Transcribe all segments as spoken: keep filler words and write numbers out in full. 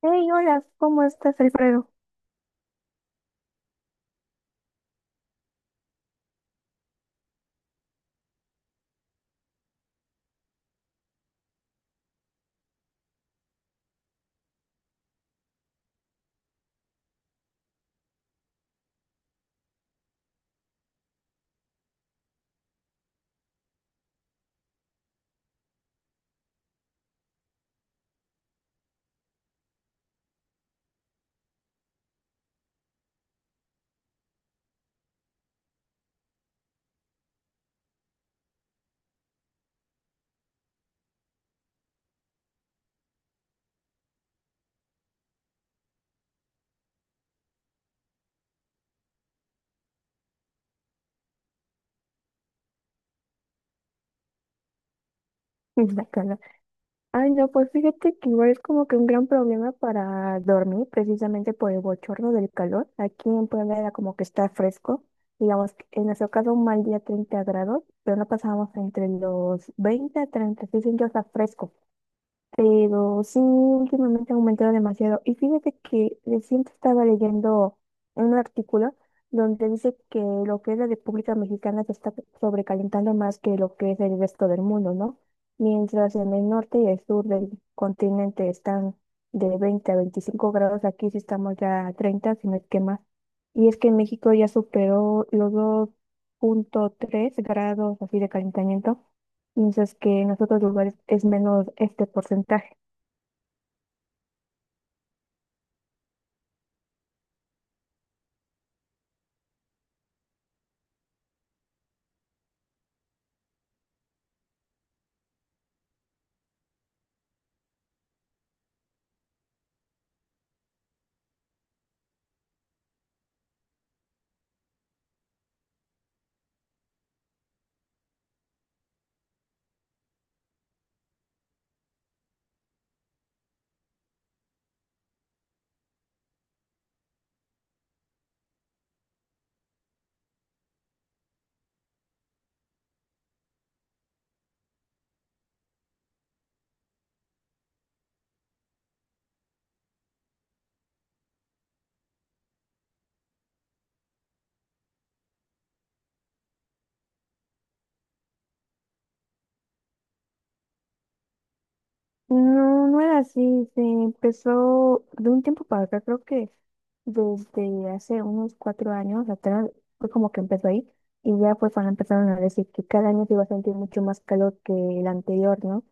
Hey, hola, ¿cómo estás, Alfredo? Y la cara. Ay, no, pues fíjate que igual es como que un gran problema para dormir, precisamente por el bochorno del calor. Aquí en Puebla era como que está fresco, digamos, que en nuestro caso un mal día treinta grados, pero no pasábamos entre los veinte a treinta y seis, entonces está fresco. Pero sí, últimamente ha aumentado demasiado. Y fíjate que recién estaba leyendo un artículo donde dice que lo que es la República Mexicana se está sobrecalentando más que lo que es el resto del mundo, ¿no? Mientras en el norte y el sur del continente están de veinte a veinticinco grados, aquí sí estamos ya a treinta, si no es que más. Y es que en México ya superó los dos punto tres grados así de calentamiento mientras que en los otros lugares es menos este porcentaje. No, no era así. Se empezó de un tiempo para acá, creo que desde hace unos cuatro años atrás, fue como que empezó ahí. Y ya fue cuando empezaron a decir que cada año se iba a sentir mucho más calor que el anterior, ¿no?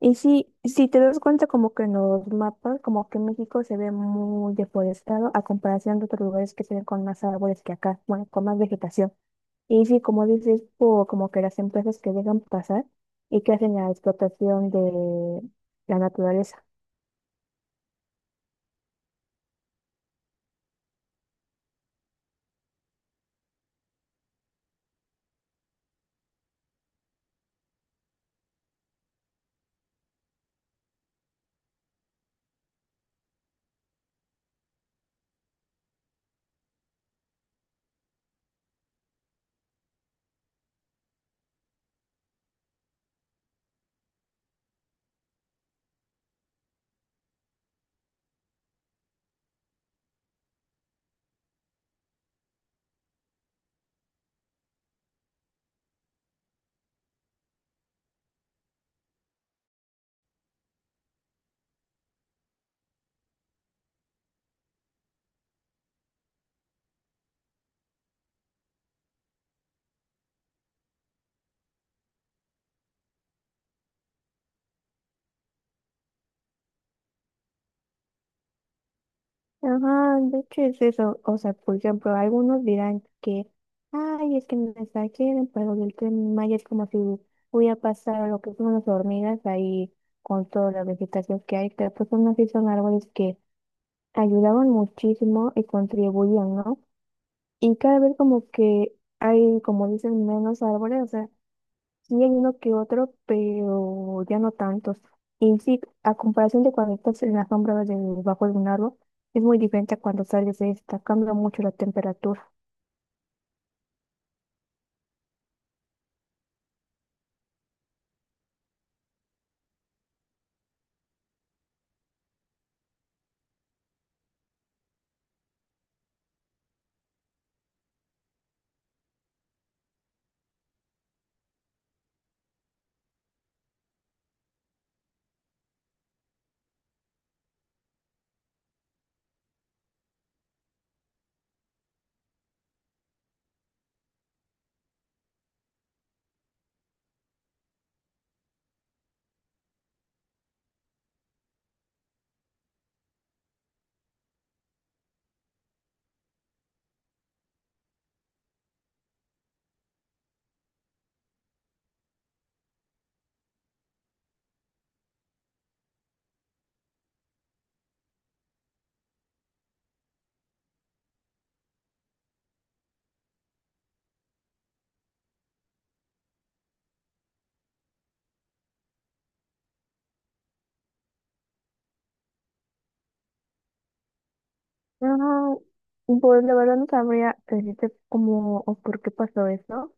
Y sí, si te das cuenta, como que en los mapas, como que México se ve muy deforestado a comparación de otros lugares que se ven con más árboles que acá, bueno, con más vegetación. Y sí, como dices, por como que las empresas que dejan pasar y que hacen la explotación de, la naturaleza. Ajá, de hecho es eso. O sea, por ejemplo, algunos dirán que, ay, es que me exageren, pero el Tren Maya es como si hubiera pasado lo que son las hormigas ahí con toda la vegetación que hay, pero pues aún así son árboles que ayudaban muchísimo y contribuían, ¿no? Y cada vez como que hay, como dicen, menos árboles. Sí, hay uno que otro, pero ya no tantos. Y sí, a comparación de cuando estás en la sombra debajo de un árbol, es muy diferente a cuando sales de esta, cambia mucho la temperatura. No, pues la verdad no sabría decirte cómo o por qué pasó eso.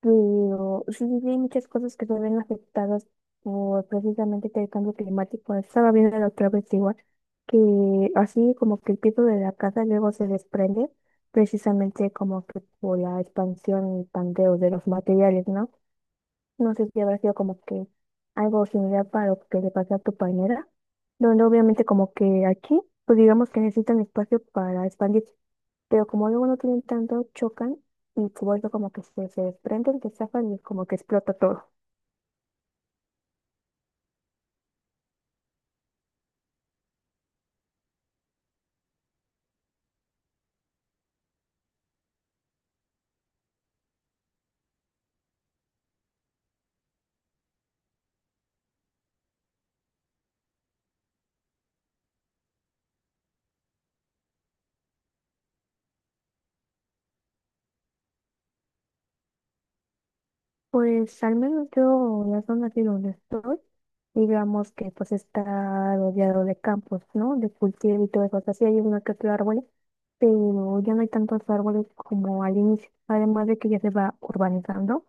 Pero sí, sí, sí, hay muchas cosas que se ven afectadas por precisamente el cambio climático. Estaba viendo la otra vez igual, que así como que el piso de la casa luego se desprende, precisamente como que por la expansión y pandeo de los materiales, ¿no? No sé si habrá sido como que algo similar para lo que le pasó a tu pañera, donde obviamente como que aquí, pues digamos que necesitan espacio para expandir. Pero como luego no tienen tanto, chocan y como eso como que se, se desprenden, se zafan y como que explota todo. Pues al menos yo, en la zona aquí donde estoy, digamos que pues está rodeado de campos, ¿no? De cultivo y todo eso. O sea, sí hay uno que otro árbol, pero ya no hay tantos árboles como al inicio. Además de que ya se va urbanizando.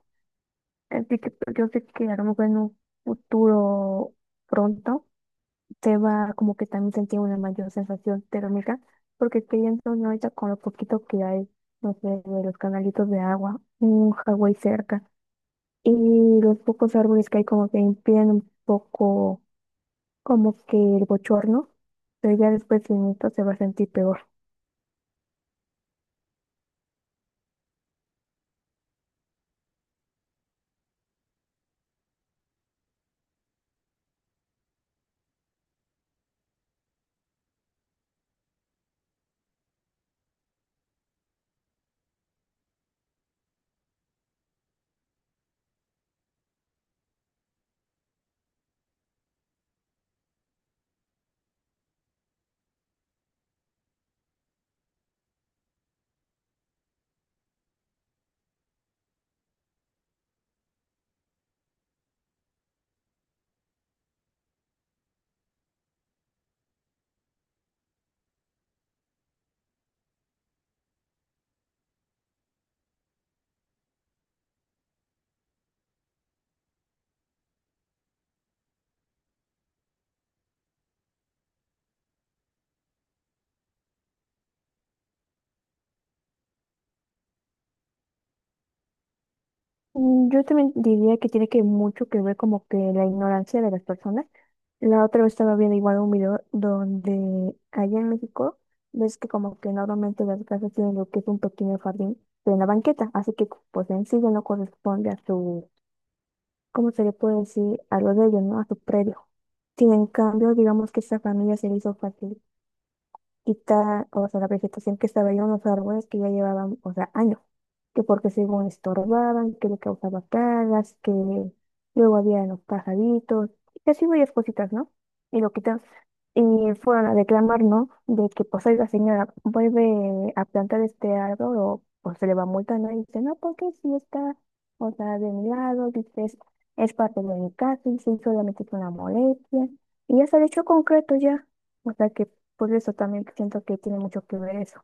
Así que pues, yo sé que a lo mejor en un futuro pronto te va como que también sentir una mayor sensación térmica, porque pienso yo ahorita con lo poquito que hay, no sé, de los canalitos de agua, un Hawái cerca, y los pocos árboles que hay como que impiden un poco como que el bochorno, pero ya después en esto se va a sentir peor. Mm, yo también diría que tiene que mucho que ver como que la ignorancia de las personas. La otra vez estaba viendo igual un video donde allá en México ves que como que normalmente las casas tienen lo que es un pequeño jardín, pero en la banqueta, así que pues en sí ya no corresponde a su, ¿cómo se le puede decir? A lo de ellos, ¿no? A su predio. Sin en cambio, digamos que esta familia se le hizo fácil y ta o sea, la vegetación que estaba ahí, unos árboles que ya llevaban, o sea, años, que porque según estorbaban, que le causaba plagas, que luego había los pajaritos, y así varias cositas, ¿no? Y lo quitan. Y fueron a reclamar, ¿no? De que, pues, la señora, vuelve a plantar este árbol o pues se le va a multar, ¿no? Y dice, no, porque si está, o sea, de mi lado, dice, es, es parte de mi casa, y solamente es una molestia. Y ya se el hecho concreto ya. O sea que por eso también siento que tiene mucho que ver eso.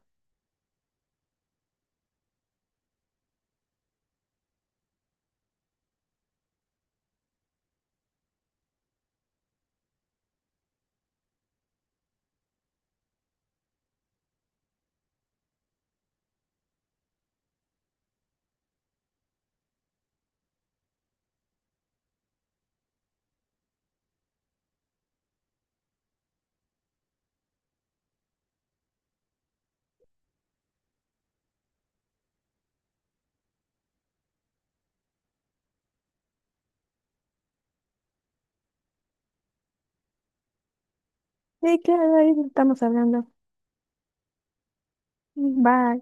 Y claro, ahí estamos hablando. Bye.